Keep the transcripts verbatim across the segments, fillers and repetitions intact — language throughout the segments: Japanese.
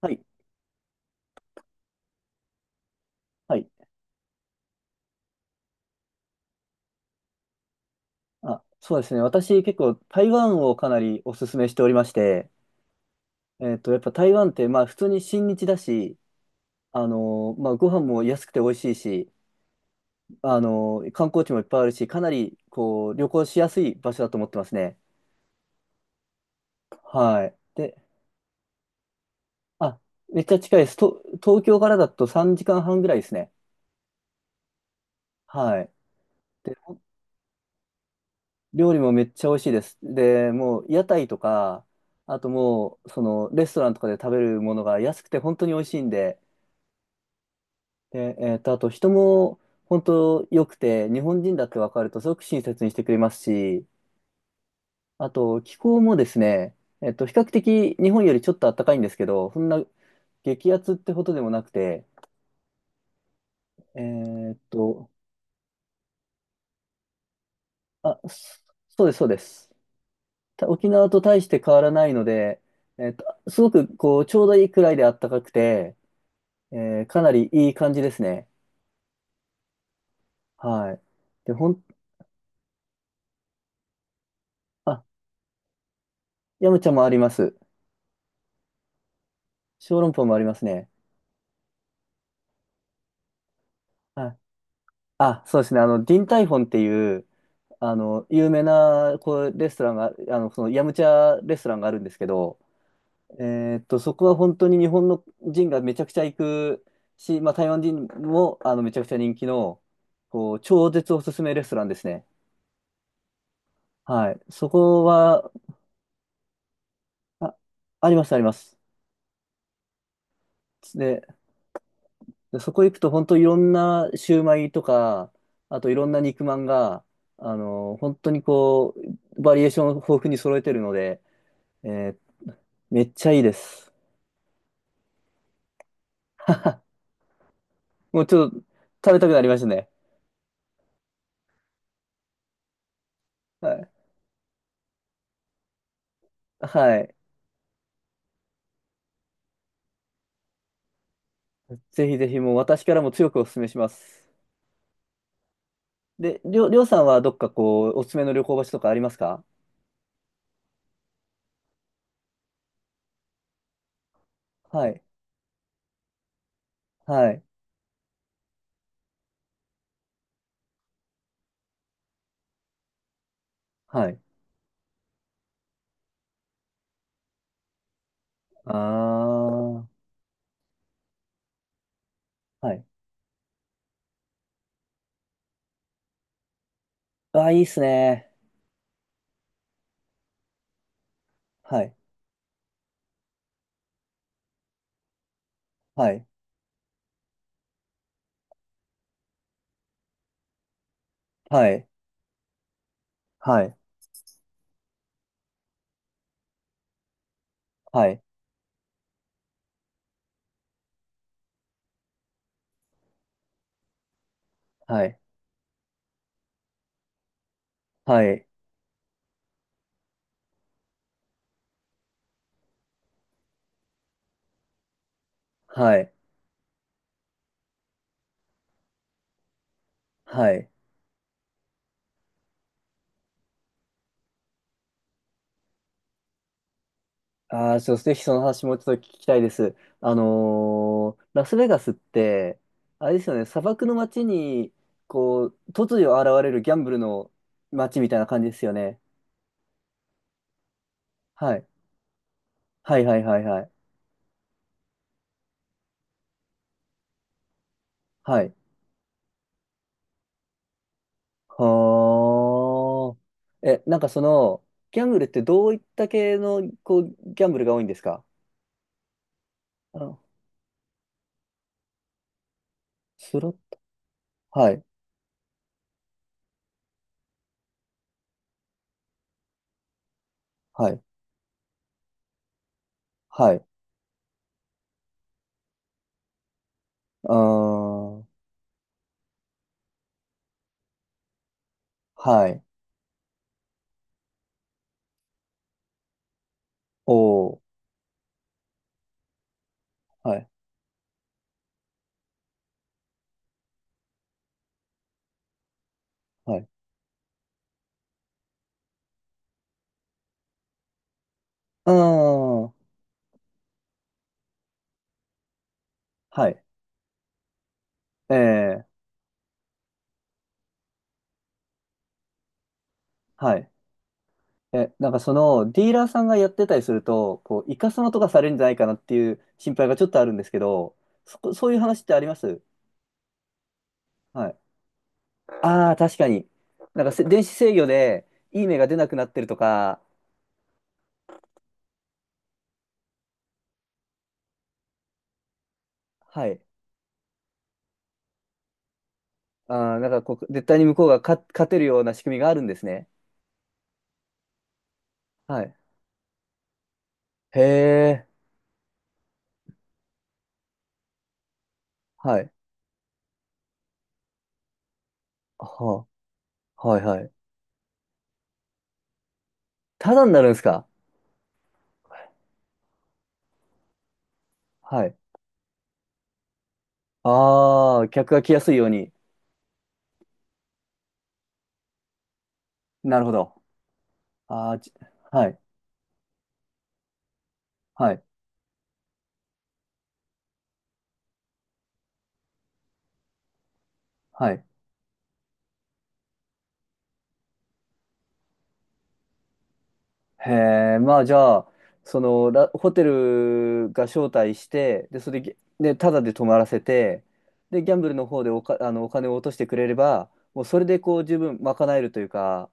はい。はい。あ、そうですね。私結構台湾をかなりお勧めしておりまして、えっと、やっぱ台湾ってまあ普通に親日だし、あのーまあご飯も安くて美味しいし、あのー観光地もいっぱいあるし、かなりこう旅行しやすい場所だと思ってますね。はい。で、あ、めっちゃ近いです。と、東京からだとさんじかんはんぐらいですね。はい。で、料理もめっちゃ美味しいです。で、もう屋台とか、あともう、そのレストランとかで食べるものが安くて本当に美味しいんで、で、えっと、あと人も本当良くて、日本人だって分かるとすごく親切にしてくれますし、あと気候もですね、えっと、比較的日本よりちょっと暖かいんですけど、そんな激アツってほどでもなくて、えーっと、あ、そそうです、そうです。た沖縄と大して変わらないので、えーっと、すごくこう、ちょうどいいくらいで暖かくて、えーかなりいい感じですね。はい。で、ほん、あ、ヤムチャもあります。小籠包もありますね。はい。あ、そうですね。あの、ディンタイフォンっていう、あの、有名な、こう、レストランが、あの、その、ヤムチャレストランがあるんですけど、えーっと、そこは本当に日本の人がめちゃくちゃ行くし、まあ、台湾人も、あの、めちゃくちゃ人気の、こう、超絶おすすめレストランですね。はい。そこは、あ、あります、あります。で、でそこ行くと本当いろんなシューマイとか、あといろんな肉まんが、あの、本当にこう、バリエーションを豊富に揃えてるので、えーめっちゃいいです。もうちょっと食べたくなりましたね。はい。はい。ぜひぜひもう私からも強くお勧めします。で、りょう、りょうさんはどっかこう、おすすめの旅行場所とかありますか？はい。はい。はい。あー。はい。あー、いいっすね。はい。はい。はい。はい。はい。はい。はい。はい。はい。ああ、そう、ぜひその話もちょっと聞きたいです。あのーラスベガスって、あれですよね、砂漠の街に、こう、突如現れるギャンブルの街みたいな感じですよね。はい。はい、はい、はい、はい。はい。はあ。え、なんかその、ギャンブルってどういった系の、こう、ギャンブルが多いんですか？あ、スロット、はい、はい、はい、あー、はい、おー、はい、はい、あー、はい。ええ。はい。え、なんかそのディーラーさんがやってたりすると、こう、いかさまとかされるんじゃないかなっていう心配がちょっとあるんですけど、そこ、そういう話ってあります？はい。ああ、確かに。なんかせ電子制御でいい目が出なくなってるとか、はい。ああ、なんかこう、絶対に向こうが勝、勝てるような仕組みがあるんですね。はい。へえ、はい。はあ、はいはい。ただになるんですか？はい。ああ、客が来やすいように。なるほど。ああ、じはい。はい。はい。へえ、まあじゃあ、その、らホテルが招待して、で、それで、でタダで泊まらせて、で、ギャンブルの方でおか、あの、お金を落としてくれれば、もうそれでこう十分賄えるというか、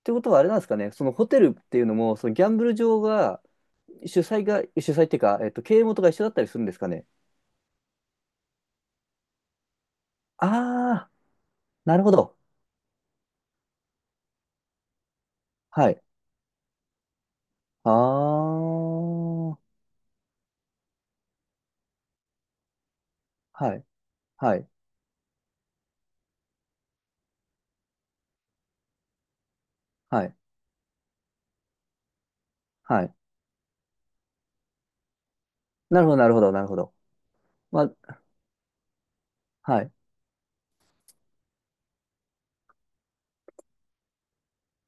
ってことはあれなんですかね、そのホテルっていうのも、そのギャンブル場が、主催が、主催っていうか、えっと、経営元が一緒だったりするんですかね。ああ、なるほど。はい。ああ、はい、はい、はい、はい。なるほど、なるほど、なるほど。まあ、はい、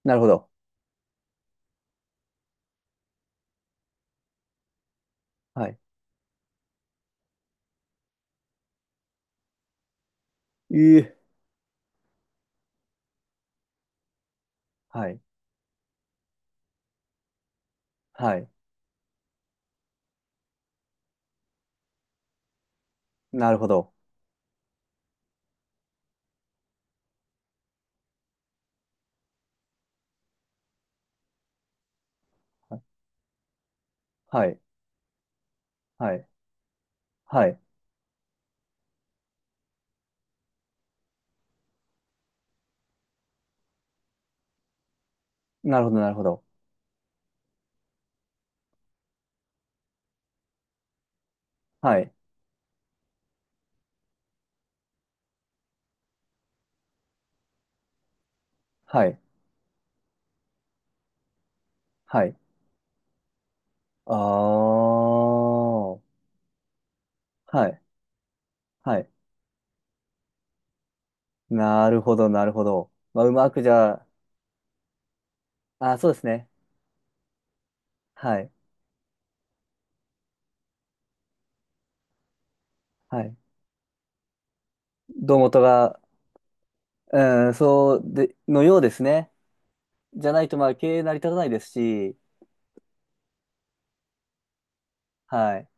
なるほど。はい。ええ。はい。はい。なるほど。はい。はい。はい。なるほど、なるほど。はい。はい。はい。ああ。はい。はい。なるほど、なるほど。まあ、うまくじゃあ、あー、そうですね。はい。はい。胴元が、うん、そうで、のようですね。じゃないと、まあ、経営成り立たないですし、はい。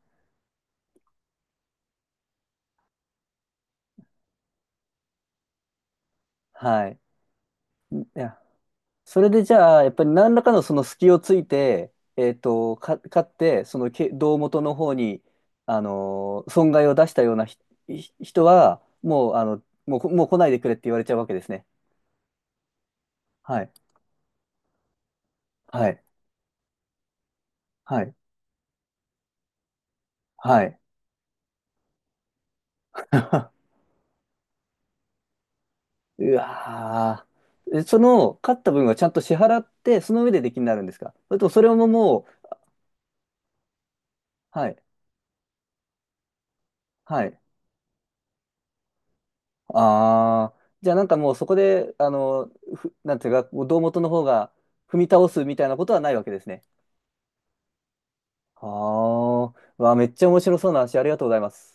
はい。いや、それでじゃあ、やっぱり何らかのその隙をついて、えっと、か、勝って、そのけ胴元の方に、あのー損害を出したようなひひ人は、もう、あの、もうこ、もう来ないでくれって言われちゃうわけですね。はい。はい。はい。はい。うわー、えその、勝った分はちゃんと支払って、その上で出禁になるんですか？それともそれももう、はい。はい。ああ、じゃあなんかもうそこで、あの、ふ、なんていうか、胴元の方が踏み倒すみたいなことはないわけですね。ああ、わあ、めっちゃ面白そうな話、ありがとうございます。